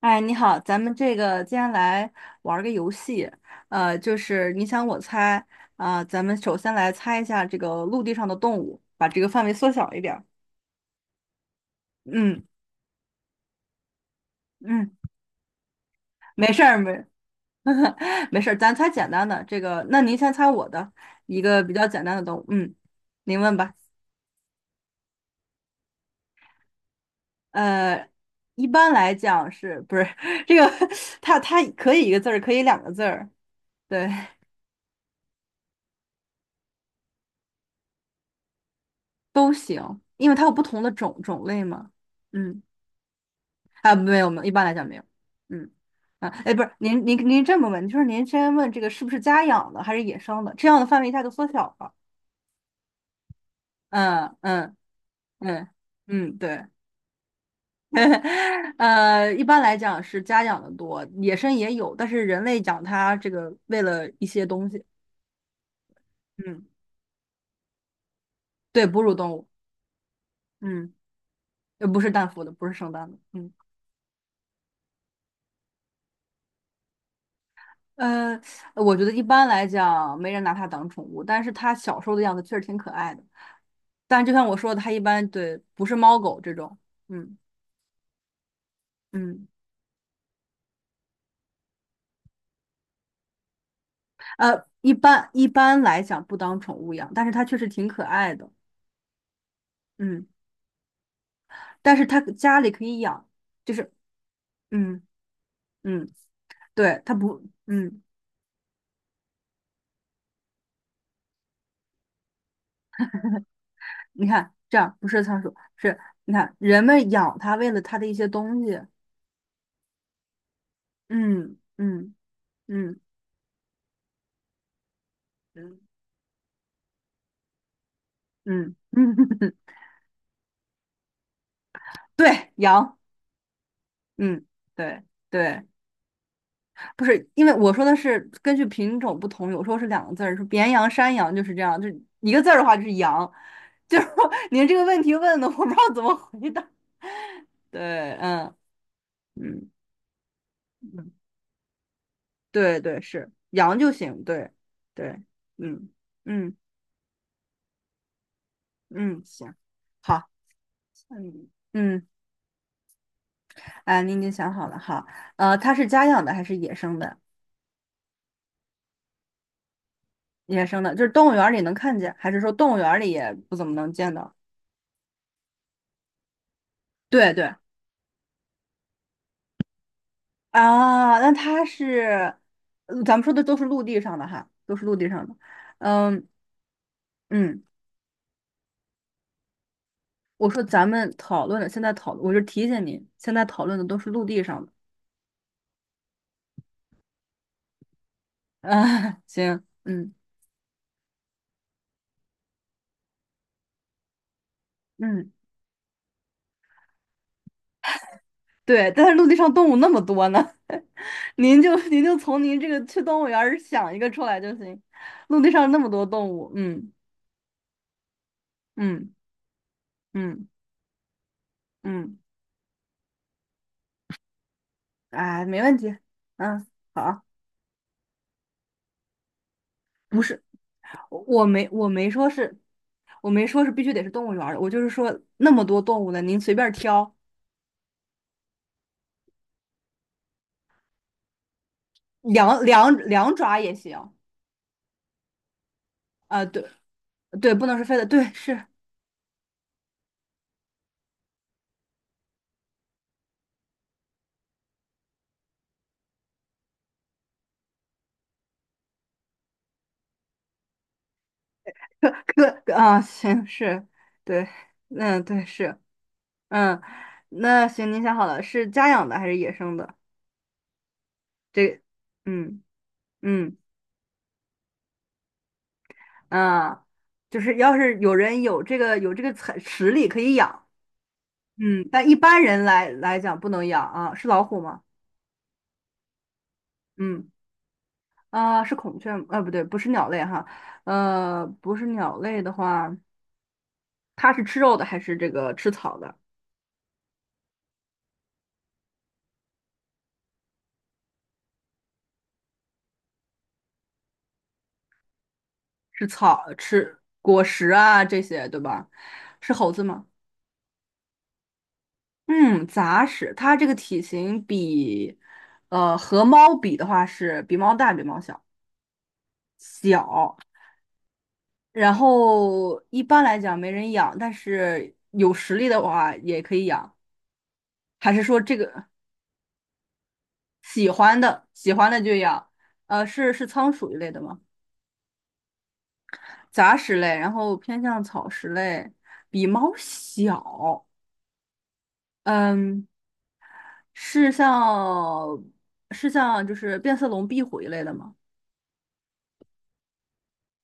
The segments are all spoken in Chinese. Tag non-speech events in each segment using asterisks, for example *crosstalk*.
哎，你好，咱们这个接下来玩儿个游戏，就是你想我猜，啊、咱们首先来猜一下这个陆地上的动物，把这个范围缩小一点儿。嗯嗯，没事儿，没 *laughs* 没事儿，咱猜简单的。这个，那您先猜我的一个比较简单的动物。嗯，您问吧。呃，一般来讲是不是 *laughs* 这个 *laughs* 它可以一个字儿，可以两个字儿，对，都行，因为它有不同的种类嘛。嗯。啊，没有没有，一般来讲没有。嗯，啊，哎，不是，您这么问，就是您先问这个是不是家养的还是野生的，这样的范围一下就缩小了。嗯嗯嗯嗯，对，*laughs* 一般来讲是家养的多，野生也有，但是人类养它这个为了一些东西，嗯，对，哺乳动物，嗯，不是蛋孵的，不是生蛋的，嗯。呃，我觉得一般来讲没人拿它当宠物，但是它小时候的样子确实挺可爱的。但就像我说的，它一般对不是猫狗这种，嗯嗯，一般来讲不当宠物养，但是它确实挺可爱的，嗯，但是它家里可以养，就是嗯嗯，对，它不嗯，你看这样不是仓鼠，是你看人们养它为了它的一些东西，嗯嗯嗯嗯嗯，*laughs* 嗯对，养。嗯，对对，不是，因为我说的是根据品种不同，有时候是两个字儿，是绵羊、山羊就是这样，就一个字儿的话就是羊，*laughs* 就是说您这个问题问的，我不知道怎么回答。对，嗯嗯嗯，对对是羊就行，对对，嗯嗯嗯，行，好，嗯嗯，哎，您已经想好了，好，它是家养的还是野生的？野生的，就是动物园儿里能看见，还是说动物园儿里也不怎么能见到？对对。啊，那它是，呃咱们说的都是陆地上的哈，都是陆地上的。嗯嗯，我说咱们讨论的，现在讨论，我就提醒你，现在讨论的都是陆地上的。啊，*laughs* 行，嗯嗯，对，但是陆地上动物那么多呢，*laughs* 您就从您这个去动物园儿想一个出来就行。陆地上那么多动物，嗯嗯嗯嗯，哎，没问题，嗯，好，不是。我我没我没说是，我没说是必须得是动物园儿的，我就是说那么多动物呢，您随便挑，两爪也行啊，对对，不能是飞的，对是，可可啊，行是，对，嗯对是，嗯，那行，您想好了，是家养的还是野生的？这，嗯嗯啊，就是要是有人有这个才实力可以养，嗯，但一般人来讲不能养啊，是老虎吗？嗯。啊，是孔雀吗，不对，不是鸟类哈，不是鸟类的话，它是吃肉的还是这个吃草的？是草，吃果实啊这些，对吧？是猴子吗？嗯，杂食，它这个体型比，呃，和猫比的话是比猫大，比猫小，小。然后一般来讲没人养，但是有实力的话也可以养，还是说这个喜欢的就养？是仓鼠一类的吗？杂食类，然后偏向草食类，比猫小。嗯，是像是像就是变色龙、壁虎一类的吗？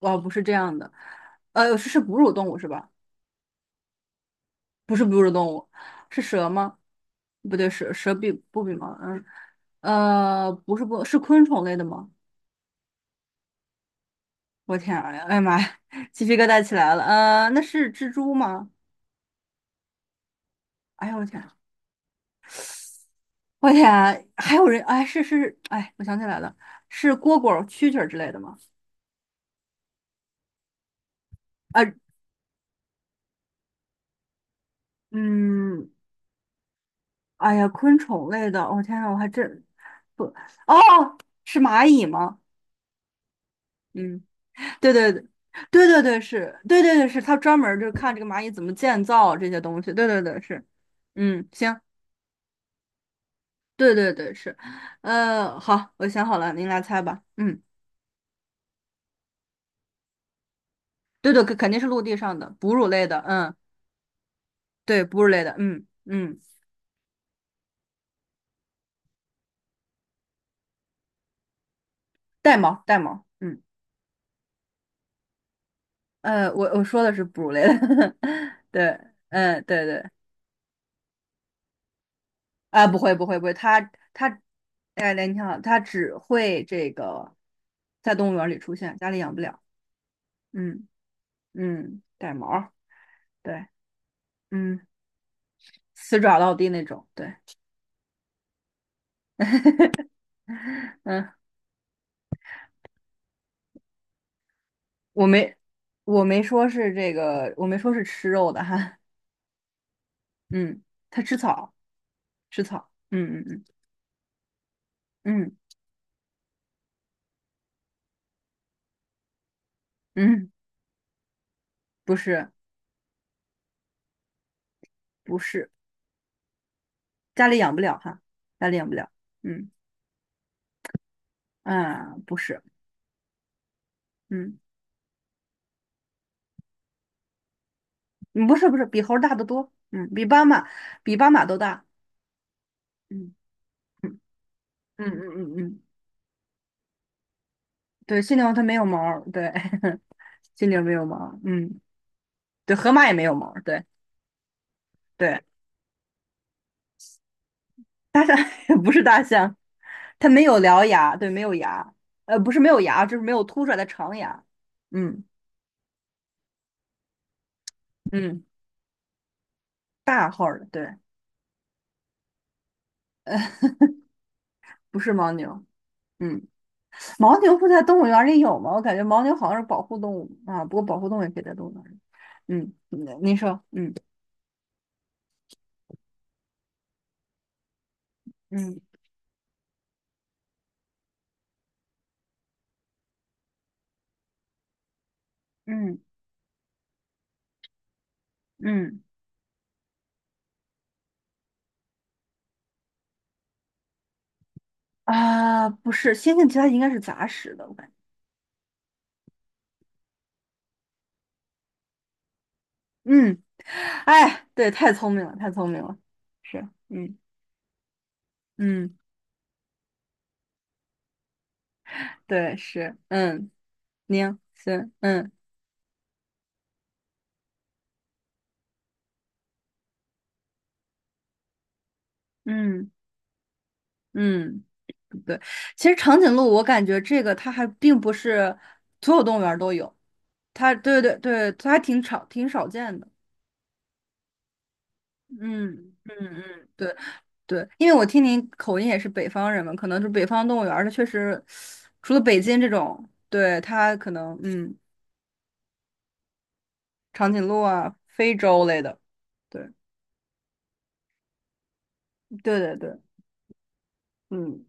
哦，不是这样的，是哺乳动物是吧？不是哺乳动物，是蛇吗？不对，蛇比不比猫？嗯，呃，不是不，是昆虫类的吗？我天啊，哎呀妈呀，鸡皮疙瘩起来了。那是蜘蛛吗？哎呦我天！我天，还有人哎，我想起来了，是蝈蝈、蛐蛐儿之类的吗？啊，嗯，哎呀，昆虫类的，我、天呐，我还真不哦，是蚂蚁吗？嗯，对对对对对对，是，对对对是，他专门儿就看这个蚂蚁怎么建造这些东西，对对对是，嗯，行，对对对是，好，我想好了，您来猜吧，嗯，对对，肯定是陆地上的哺乳类的，嗯，对，哺乳类的，嗯嗯，带毛带毛。嗯。我说的是哺乳类的，*laughs* 对，嗯，对对，啊，不会不会不会，它哎，你好，它只会这个在动物园里出现，家里养不了，嗯嗯，带毛儿，对，嗯，死爪到地那种，对，嗯，我没我没说是这个，我没说是吃肉的哈，嗯，它吃草，嗯嗯嗯嗯嗯，不是不是，家里养不了哈，家里养不了，嗯啊，不是。嗯，嗯不是不是，比猴儿大得多，嗯，比斑马都大，嗯嗯嗯嗯嗯嗯，对，犀牛它没有毛儿对，*laughs* 犀牛没有毛儿嗯，对，河马也没有毛儿对对，*laughs* 不是大象，它没有獠牙，对，没有牙，不是没有牙，就是没有凸出来的长牙，嗯嗯，大号儿的，对，不是牦牛，嗯，牦牛不在动物园儿里有吗？我感觉牦牛好像是保护动物啊，不过保护动物也可以在动物园儿里，嗯，你说，嗯嗯嗯嗯。啊，不是，星星其他应该是杂食的，我感觉。嗯，哎，对，太聪明了，太聪明了。是，嗯嗯，对，是，嗯，宁，行，嗯嗯嗯，对。其实长颈鹿，我感觉这个它还并不是所有动物园儿都有，它对对对，它还挺少见的。嗯嗯嗯，对对，因为我听您口音也是北方人嘛，可能是北方动物园儿，它确实除了北京这种，对它可能嗯。长颈鹿啊、非洲类的。对，对对对，嗯，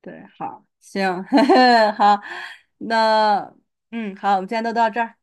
对，好，行，*laughs* 好，那嗯，好，我们今天都到这儿。